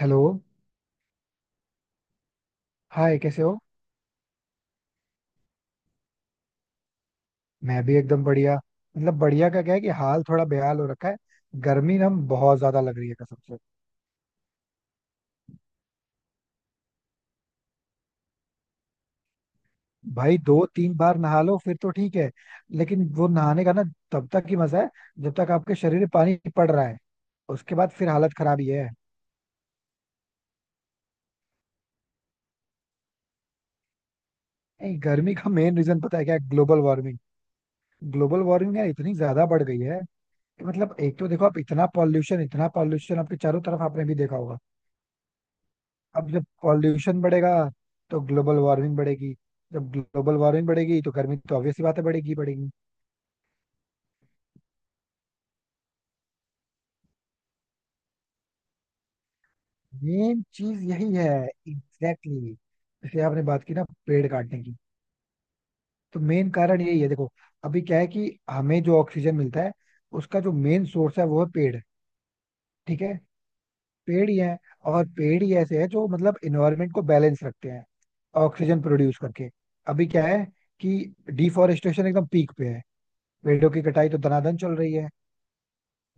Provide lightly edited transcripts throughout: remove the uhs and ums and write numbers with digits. Hello. Hi, कैसे हो? मैं भी एकदम बढ़िया. मतलब बढ़िया का क्या है कि हाल थोड़ा बेहाल हो रखा है. गर्मी ना बहुत ज्यादा लग रही है कसम से. भाई दो तीन बार नहा लो फिर तो ठीक है. लेकिन वो नहाने का ना, तब तक ही मजा है जब तक आपके शरीर में पानी पड़ रहा है. उसके बाद फिर हालत खराब ही है. नहीं, गर्मी का मेन रीजन पता है क्या? Global warming. ग्लोबल वार्मिंग यार इतनी ज्यादा बढ़ गई है कि मतलब एक तो देखो, आप इतना पॉल्यूशन, इतना पॉल्यूशन आपके चारों तरफ, आपने भी देखा होगा. अब जब पॉल्यूशन बढ़ेगा तो ग्लोबल वार्मिंग बढ़ेगी. जब ग्लोबल वार्मिंग बढ़ेगी तो गर्मी तो ऑब्वियस सी बात है, बढ़ेगी ही बढ़ेगी. मेन चीज यही है. Exactly exactly. जैसे आपने बात की ना पेड़ काटने की, तो मेन कारण यही है. देखो, अभी क्या है कि हमें जो ऑक्सीजन मिलता है, उसका जो मेन सोर्स है वो है पेड़. ठीक है. पेड़ ही है. और पेड़ ही ऐसे है जो मतलब इन्वायरमेंट को बैलेंस रखते हैं ऑक्सीजन प्रोड्यूस करके. अभी क्या है कि डिफॉरेस्टेशन एकदम पीक पे है. पेड़ों की कटाई तो दनादन चल रही है.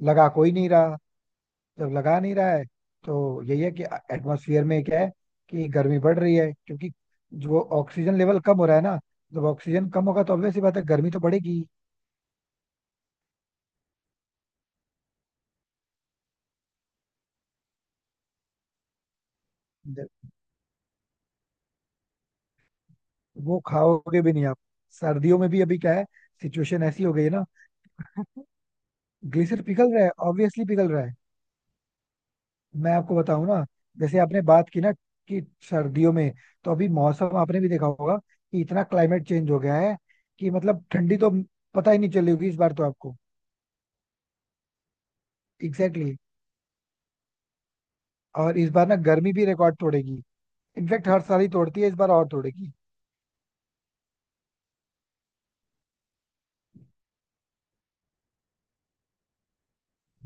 लगा कोई नहीं रहा. जब लगा नहीं रहा है, तो यही है कि एटमॉस्फेयर में क्या है कि गर्मी बढ़ रही है, क्योंकि जो ऑक्सीजन लेवल कम हो रहा है ना, जब ऑक्सीजन कम होगा तो ऑब्वियस सी बात है, गर्मी तो बढ़ेगी. ज- वो खाओगे भी नहीं आप. सर्दियों में भी अभी क्या है, सिचुएशन ऐसी हो गई है ना. ग्लेशियर पिघल रहा है, ऑब्वियसली पिघल रहा है. मैं आपको बताऊं ना, जैसे आपने बात की ना कि सर्दियों में, तो अभी मौसम आपने भी देखा होगा कि इतना क्लाइमेट चेंज हो गया है कि मतलब ठंडी तो पता ही नहीं चली होगी इस बार तो आपको. Exactly exactly. और इस बार ना गर्मी भी रिकॉर्ड तोड़ेगी. इनफेक्ट हर साल ही तोड़ती है, इस बार और तोड़ेगी.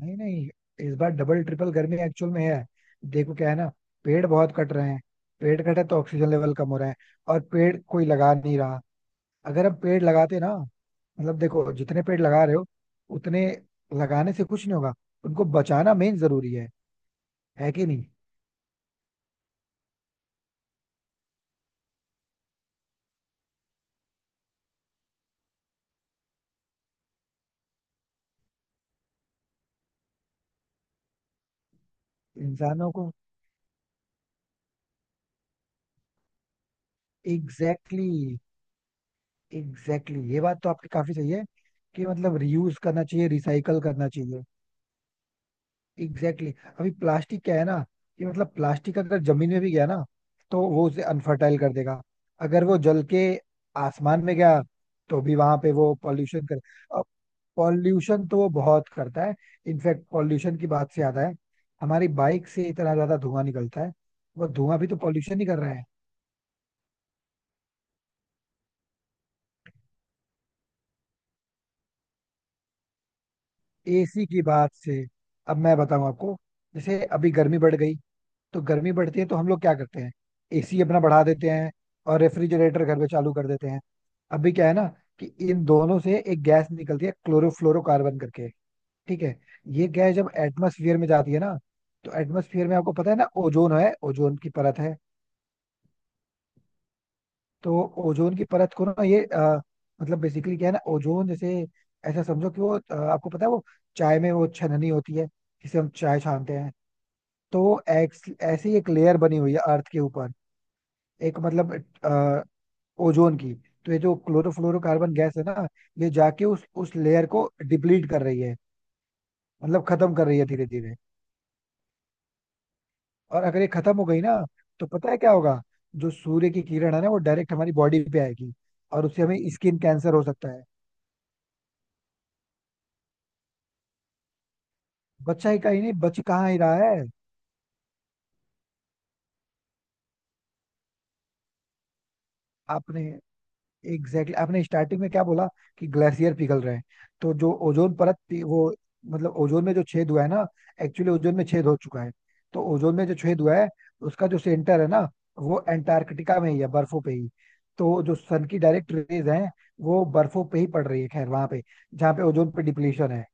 नहीं, नहीं, इस बार डबल ट्रिपल गर्मी एक्चुअल में है. देखो क्या है ना, पेड़ बहुत कट रहे हैं. पेड़ कटे तो ऑक्सीजन लेवल कम हो रहा है, और पेड़ कोई लगा नहीं रहा. अगर हम पेड़ लगाते ना, मतलब देखो, जितने पेड़ लगा रहे हो, उतने लगाने से कुछ नहीं होगा. उनको बचाना मेन जरूरी है. है कि नहीं? इंसानों को. Exactly, exactly exactly. ये बात तो आपकी काफी सही है कि मतलब रियूज करना चाहिए, रिसाइकल करना चाहिए. Exactly exactly. अभी प्लास्टिक क्या है ना, कि मतलब प्लास्टिक अगर जमीन में भी गया ना, तो वो उसे अनफर्टाइल कर देगा. अगर वो जल के आसमान में गया, तो भी वहां पे वो पॉल्यूशन करे. अब पॉल्यूशन तो वो बहुत करता है. इनफैक्ट पॉल्यूशन की बात से आता है, हमारी बाइक से इतना ज्यादा धुआं निकलता है. वो धुआं भी तो पॉल्यूशन ही कर रहा है. एसी की बात से, अब मैं बताऊं आपको, जैसे अभी गर्मी बढ़ गई, तो गर्मी बढ़ती है तो हम लोग क्या करते हैं, एसी अपना बढ़ा देते हैं और रेफ्रिजरेटर घर पे चालू कर देते हैं. अभी क्या है ना, कि इन दोनों से एक गैस निकलती है, क्लोरोफ्लोरोकार्बन करके. ठीक है. ये गैस जब एटमोसफियर में जाती है ना, तो एटमोसफियर में आपको पता है ना, ओजोन है, ओजोन की परत है. तो ओजोन की परत को ना, ये मतलब बेसिकली क्या है ना, ओजोन जैसे, ऐसा समझो कि वो आपको पता है वो चाय में वो छननी होती है जिसे हम चाय छानते हैं. तो ऐसी एक लेयर बनी हुई है अर्थ के ऊपर. एक मतलब अ, ओजोन की. तो ये जो क्लोरोफ्लोरोकार्बन गैस है ना, ये जाके उस लेयर को डिप्लीट कर रही है, मतलब खत्म कर रही है धीरे धीरे. और अगर ये खत्म हो गई ना, तो पता है क्या होगा, जो सूर्य की किरण है ना वो डायरेक्ट हमारी बॉडी पे आएगी, और उससे हमें स्किन कैंसर हो सकता है. बच्चा ही कहीं नहीं बच, कहाँ ही रहा है. आपने एग्जैक्टली exactly. आपने स्टार्टिंग में क्या बोला कि ग्लेशियर पिघल रहे हैं, तो जो ओजोन परत थी, वो मतलब ओजोन में जो छेद हुआ है ना, एक्चुअली ओजोन में छेद हो चुका है. तो ओजोन में जो छेद हुआ है, उसका जो सेंटर है ना, वो एंटार्कटिका में ही है, बर्फों पे ही. तो जो सन की डायरेक्ट रेज है, वो बर्फों पे ही पड़ रही है, खैर वहां पे, जहाँ पे ओजोन पे डिप्लीशन है.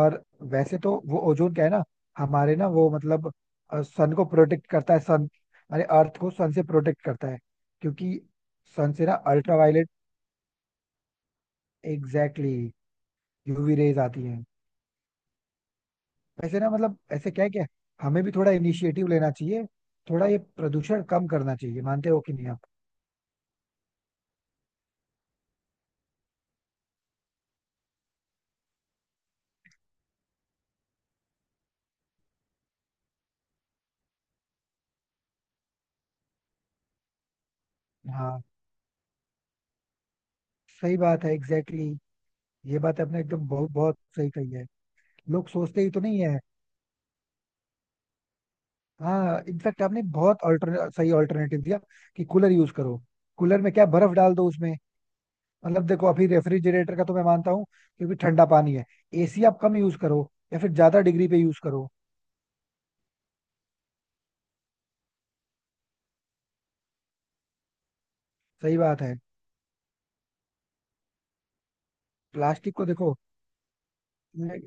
और वैसे तो वो ओजोन क्या है ना, हमारे ना वो मतलब सन को प्रोटेक्ट करता है, सन हमारे अर्थ को सन से प्रोटेक्ट करता है. क्योंकि सन से ना अल्ट्रा, एग्जैक्टली, यूवी रेज आती हैं. वैसे ना मतलब ऐसे क्या है कि हमें भी थोड़ा इनिशिएटिव लेना चाहिए, थोड़ा ये प्रदूषण कम करना चाहिए. मानते हो कि नहीं आप? हाँ, सही बात है, एग्जैक्टली. ये बात आपने एकदम बहुत बहुत सही कही है. लोग सोचते ही तो नहीं है. हाँ, इनफैक्ट आपने बहुत अल्टर सही ऑल्टरनेटिव दिया कि कूलर यूज करो. कूलर में क्या, बर्फ डाल दो उसमें. मतलब देखो, अभी रेफ्रिजरेटर का तो मैं मानता हूँ, क्योंकि ठंडा पानी है. एसी आप कम यूज करो, या फिर ज्यादा डिग्री पे यूज करो. सही बात है. प्लास्टिक को देखो, मैं-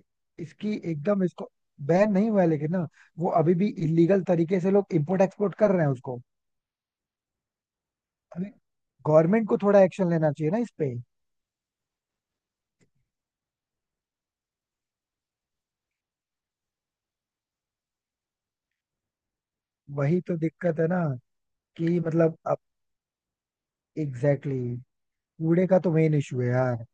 इसकी एकदम, इसको बैन नहीं हुआ है लेकिन ना, वो अभी भी इलीगल तरीके से लोग इंपोर्ट एक्सपोर्ट कर रहे हैं उसको. अभी गवर्नमेंट को थोड़ा एक्शन लेना चाहिए ना इस पे. वही तो दिक्कत है ना कि मतलब अब, एग्जैक्टली, कूड़े का तो मेन इशू है यार.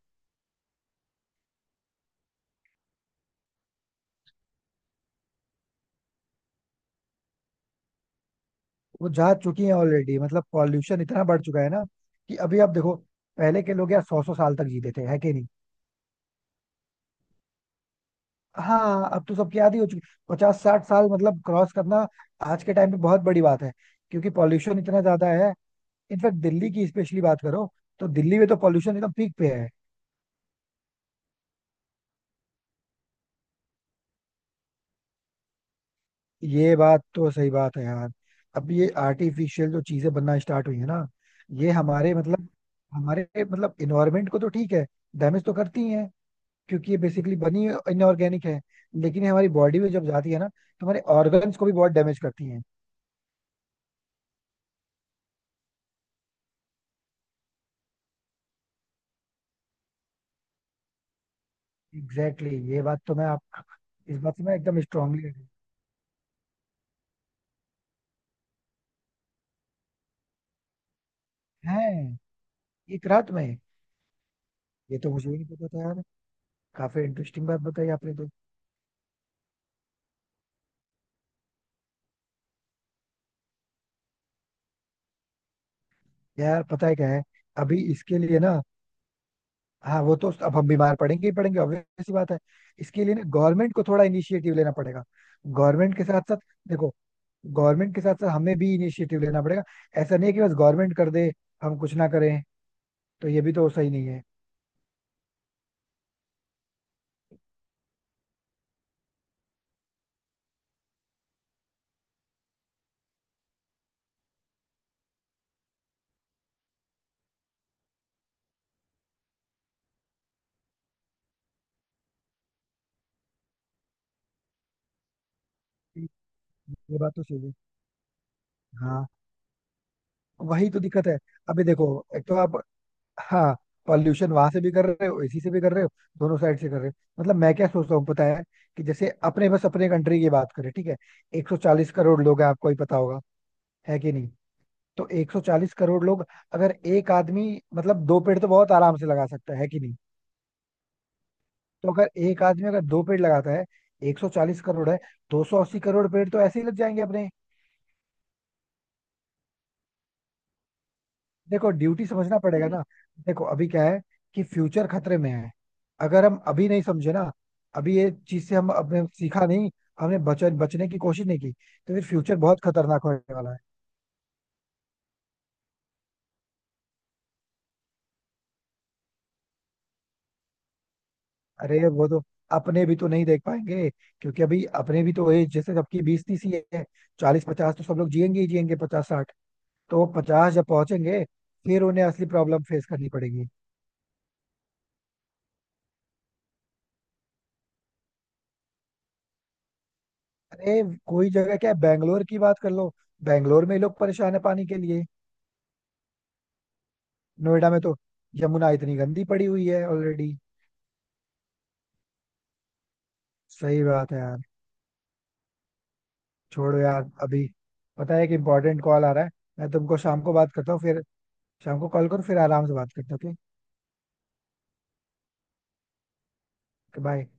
वो जा चुकी है ऑलरेडी, मतलब पॉल्यूशन इतना बढ़ चुका है ना, कि अभी आप देखो, पहले के लोग यार 100 100 साल तक जीते थे, है कि नहीं? हाँ, अब तो सबकी आदत हो चुकी, 50 60 साल मतलब क्रॉस करना आज के टाइम पे बहुत बड़ी बात है, क्योंकि पॉल्यूशन इतना ज्यादा है. इनफैक्ट दिल्ली की स्पेशली बात करो, तो दिल्ली में तो पॉल्यूशन एकदम पीक पे है. ये बात तो सही बात है यार. अब ये आर्टिफिशियल जो चीजें बनना स्टार्ट हुई है ना, ये हमारे मतलब इन्वायरमेंट को तो ठीक है, डैमेज तो करती ही है, क्योंकि ये बेसिकली बनी इनऑर्गेनिक है. लेकिन ये हमारी बॉडी में जब जाती है ना, तो हमारे ऑर्गन्स को भी बहुत डैमेज करती है. एग्जैक्टली, ये बात तो मैं आप, इस बात से मैं एकदम स्ट्रांगली. है एक रात में? ये तो मुझे ही नहीं पता था यार, काफी इंटरेस्टिंग बात बताई आपने तो. यार पता है क्या है, अभी इसके लिए ना, हाँ वो तो, अब हम बीमार पड़ेंगे ही पड़ेंगे, ऑब्वियस सी बात है. इसके लिए ना गवर्नमेंट को थोड़ा इनिशिएटिव लेना पड़ेगा. गवर्नमेंट के साथ साथ, देखो, गवर्नमेंट के साथ साथ हमें भी इनिशिएटिव लेना पड़ेगा. ऐसा नहीं है कि बस गवर्नमेंट कर दे, हम कुछ ना करें, तो ये भी तो सही नहीं है. ये बात तो सही है. हाँ, वही तो दिक्कत है. अभी देखो, एक तो आप, हाँ, पॉल्यूशन वहां से भी कर रहे हो, इसी से भी कर रहे हो, दोनों साइड से कर रहे हो. मतलब मैं क्या सोचता हूँ पता है, कि जैसे अपने बस अपने कंट्री की बात करें, ठीक है, 140 करोड़ लोग हैं, आपको ही पता होगा, है कि नहीं? तो 140 करोड़ लोग, अगर एक आदमी, मतलब दो पेड़ तो बहुत आराम से लगा सकता है कि नहीं? तो अगर एक आदमी अगर दो पेड़ लगाता है, 140 करोड़ है, 280 करोड़ पेड़ तो ऐसे ही लग जाएंगे अपने. देखो, ड्यूटी समझना पड़ेगा ना. देखो अभी क्या है कि फ्यूचर खतरे में है. अगर हम अभी नहीं समझे ना, अभी ये चीज से हम अपने सीखा नहीं, हमने बच बचने की कोशिश नहीं की, तो फिर फ्यूचर बहुत खतरनाक होने वाला है. अरे वो तो अपने भी तो नहीं देख पाएंगे, क्योंकि अभी अपने भी तो एज जैसे सबकी 20 30 ही है. 40 50 तो सब लोग जिएंगे ही जिएंगे, 50 60. तो वो 50 जब पहुंचेंगे, फिर उन्हें असली प्रॉब्लम फेस करनी पड़ेगी. अरे कोई जगह क्या है, बैंगलोर की बात कर लो. बैंगलोर में लोग परेशान है पानी के लिए. नोएडा में तो यमुना इतनी गंदी पड़ी हुई है ऑलरेडी. सही बात है यार. छोड़ो यार अभी, पता है कि इंपॉर्टेंट कॉल आ रहा है. मैं तुमको शाम को बात करता हूँ फिर. शाम को कॉल करो फिर आराम से बात करते हैं. Okay bye.